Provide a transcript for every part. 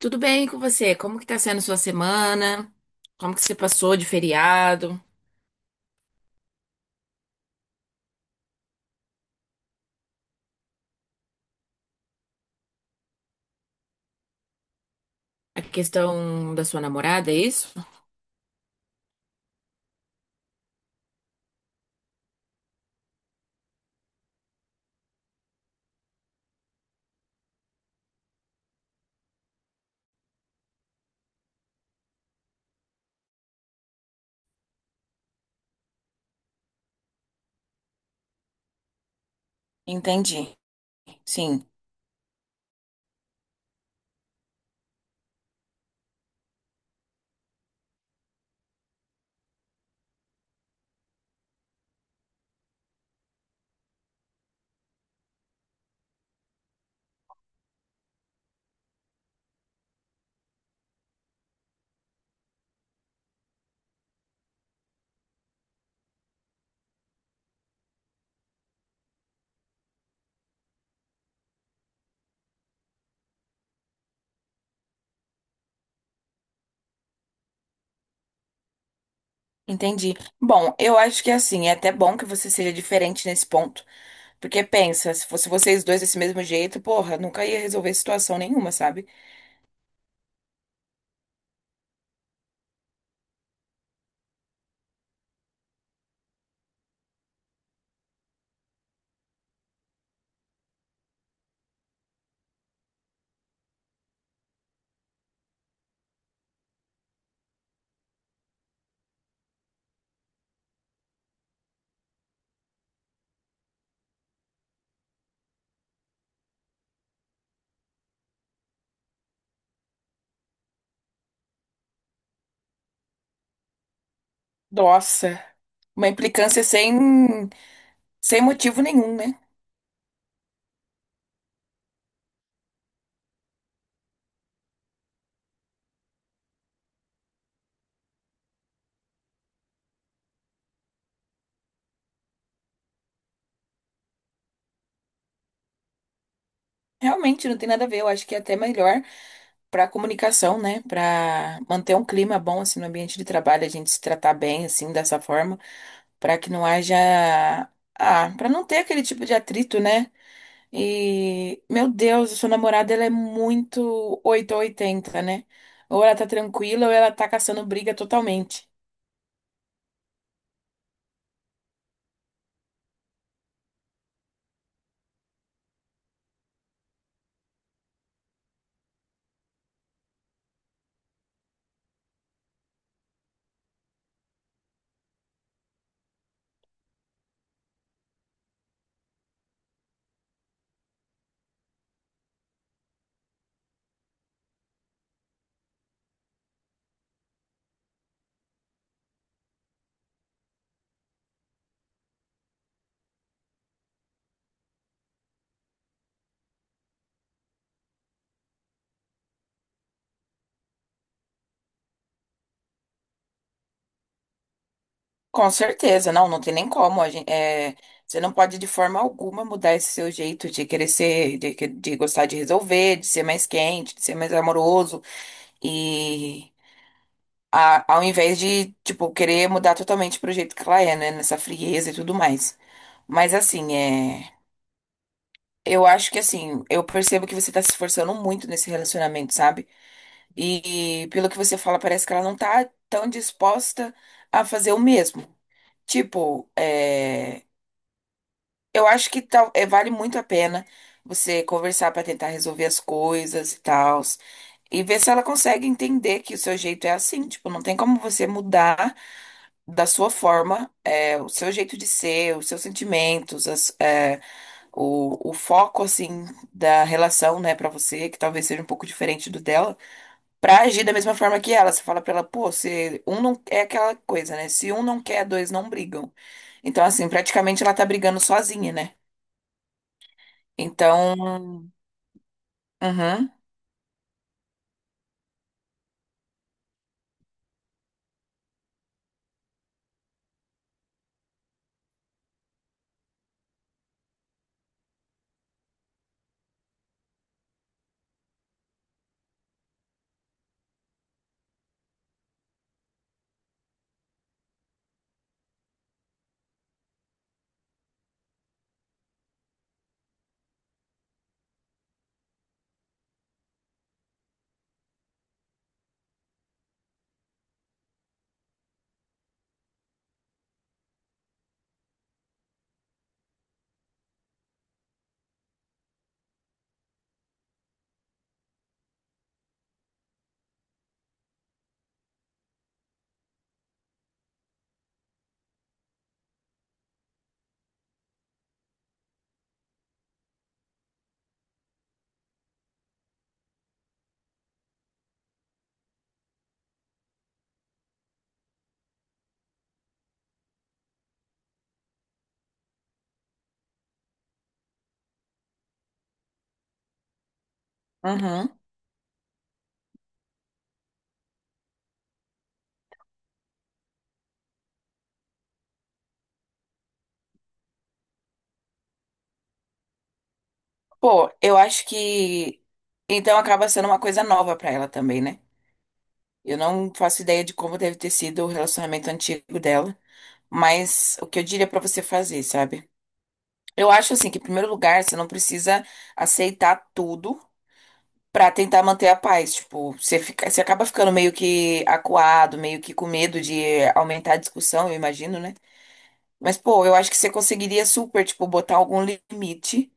Tudo bem com você? Como que tá sendo sua semana? Como que você passou de feriado? A questão da sua namorada, é isso? Entendi. Sim, entendi. Bom, eu acho que assim, é até bom que você seja diferente nesse ponto. Porque pensa, se fosse vocês dois desse mesmo jeito, porra, nunca ia resolver situação nenhuma, sabe? Nossa, uma implicância sem motivo nenhum, né? Realmente não tem nada a ver. Eu acho que é até melhor para comunicação, né? Para manter um clima bom assim no ambiente de trabalho, a gente se tratar bem assim dessa forma, para que não haja, ah, para não ter aquele tipo de atrito, né? E meu Deus, a sua namorada ela é muito 8 ou 80, né? Ou ela tá tranquila ou ela tá caçando briga totalmente. Com certeza, não tem nem como. A gente, é, você não pode de forma alguma mudar esse seu jeito de querer ser, de, de gostar de resolver, de ser mais quente, de ser mais amoroso. E ao invés de, tipo, querer mudar totalmente pro jeito que ela é, né? Nessa frieza e tudo mais. Mas assim, é. Eu acho que assim, eu percebo que você tá se esforçando muito nesse relacionamento, sabe? E, pelo que você fala, parece que ela não tá tão disposta a fazer o mesmo. Tipo, é, eu acho que tal, é, vale muito a pena você conversar pra tentar resolver as coisas e tal. E ver se ela consegue entender que o seu jeito é assim. Tipo, não tem como você mudar da sua forma, é, o seu jeito de ser, os seus sentimentos, é, o foco assim da relação, né, pra você, que talvez seja um pouco diferente do dela, pra agir da mesma forma que ela. Você fala pra ela, pô, se um não é aquela coisa, né? Se um não quer, dois não brigam. Então, assim, praticamente ela tá brigando sozinha, né? Então, uhum, uhum. Pô, eu acho que então acaba sendo uma coisa nova pra ela também, né? Eu não faço ideia de como deve ter sido o relacionamento antigo dela. Mas o que eu diria pra você fazer, sabe? Eu acho assim que, em primeiro lugar, você não precisa aceitar tudo pra tentar manter a paz. Tipo, você fica, você acaba ficando meio que acuado, meio que com medo de aumentar a discussão, eu imagino, né? Mas, pô, eu acho que você conseguiria super, tipo, botar algum limite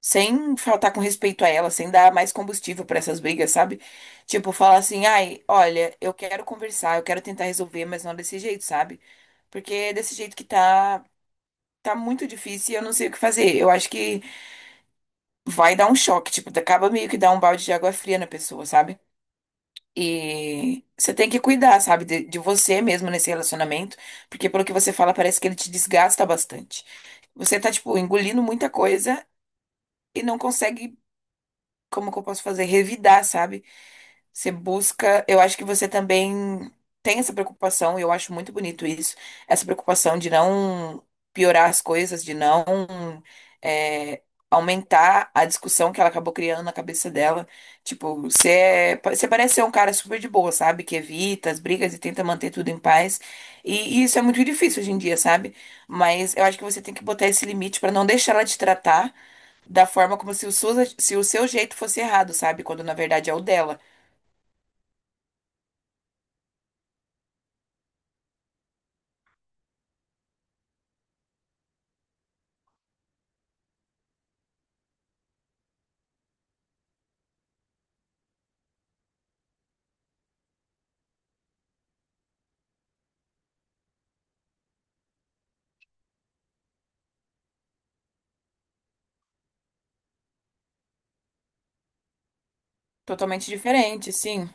sem faltar com respeito a ela, sem dar mais combustível pra essas brigas, sabe? Tipo, falar assim, ai, olha, eu quero conversar, eu quero tentar resolver, mas não desse jeito, sabe? Porque é desse jeito que tá. Tá muito difícil e eu não sei o que fazer. Eu acho que vai dar um choque, tipo, acaba meio que dar um balde de água fria na pessoa, sabe? E você tem que cuidar, sabe, de você mesmo nesse relacionamento, porque pelo que você fala, parece que ele te desgasta bastante. Você tá, tipo, engolindo muita coisa e não consegue, como que eu posso fazer, revidar, sabe? Você busca, eu acho que você também tem essa preocupação, e eu acho muito bonito isso, essa preocupação de não piorar as coisas, de não, é, aumentar a discussão que ela acabou criando na cabeça dela. Tipo, você, você parece ser um cara super de boa, sabe? Que evita as brigas e tenta manter tudo em paz. E isso é muito difícil hoje em dia, sabe? Mas eu acho que você tem que botar esse limite pra não deixar ela te tratar da forma como se o, se o seu jeito fosse errado, sabe? Quando na verdade é o dela. Totalmente diferente, sim.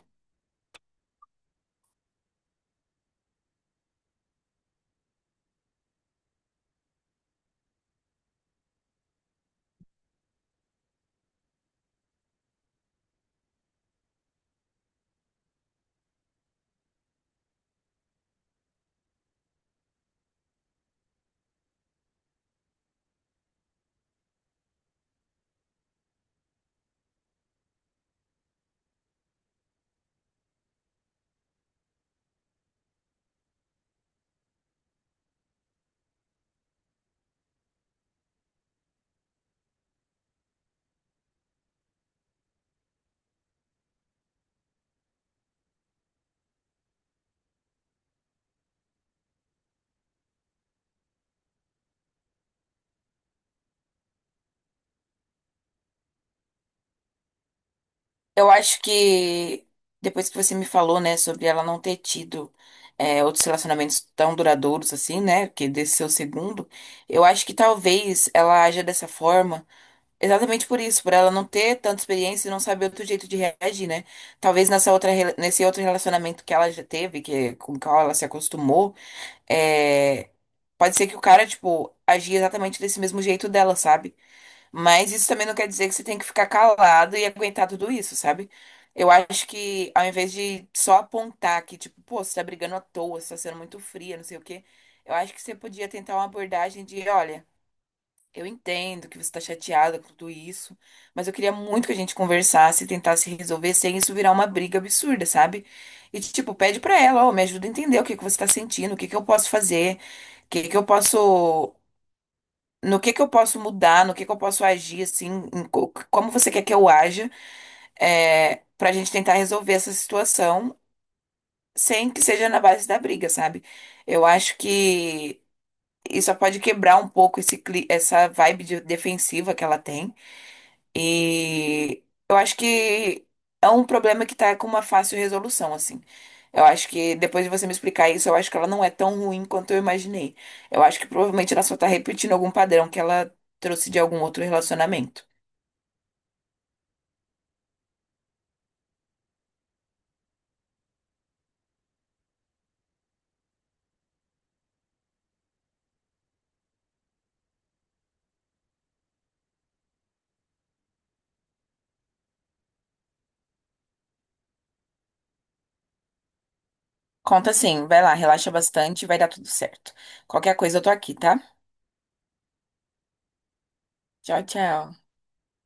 Eu acho que depois que você me falou, né, sobre ela não ter tido, é, outros relacionamentos tão duradouros assim, né, que desse seu segundo, eu acho que talvez ela haja dessa forma exatamente por isso, por ela não ter tanta experiência e não saber outro jeito de reagir, né? Talvez nessa outra, nesse outro relacionamento que ela já teve, que com o qual ela se acostumou, é, pode ser que o cara, tipo, agia exatamente desse mesmo jeito dela, sabe? Mas isso também não quer dizer que você tem que ficar calado e aguentar tudo isso, sabe? Eu acho que ao invés de só apontar que, tipo, pô, você tá brigando à toa, você tá sendo muito fria, não sei o quê, eu acho que você podia tentar uma abordagem de, olha, eu entendo que você tá chateada com tudo isso, mas eu queria muito que a gente conversasse e tentasse resolver sem isso virar uma briga absurda, sabe? E, tipo, pede pra ela, ó, me ajuda a entender o que que você tá sentindo, o que que eu posso fazer, o que que eu posso, no que eu posso mudar, no que eu posso agir, assim, como você quer que eu haja, é, pra gente tentar resolver essa situação sem que seja na base da briga, sabe? Eu acho que isso só pode quebrar um pouco esse, essa vibe defensiva que ela tem. E eu acho que é um problema que tá com uma fácil resolução, assim. Eu acho que depois de você me explicar isso, eu acho que ela não é tão ruim quanto eu imaginei. Eu acho que provavelmente ela só tá repetindo algum padrão que ela trouxe de algum outro relacionamento. Conta assim, vai lá, relaxa bastante, vai dar tudo certo. Qualquer coisa eu tô aqui, tá? Tchau, tchau.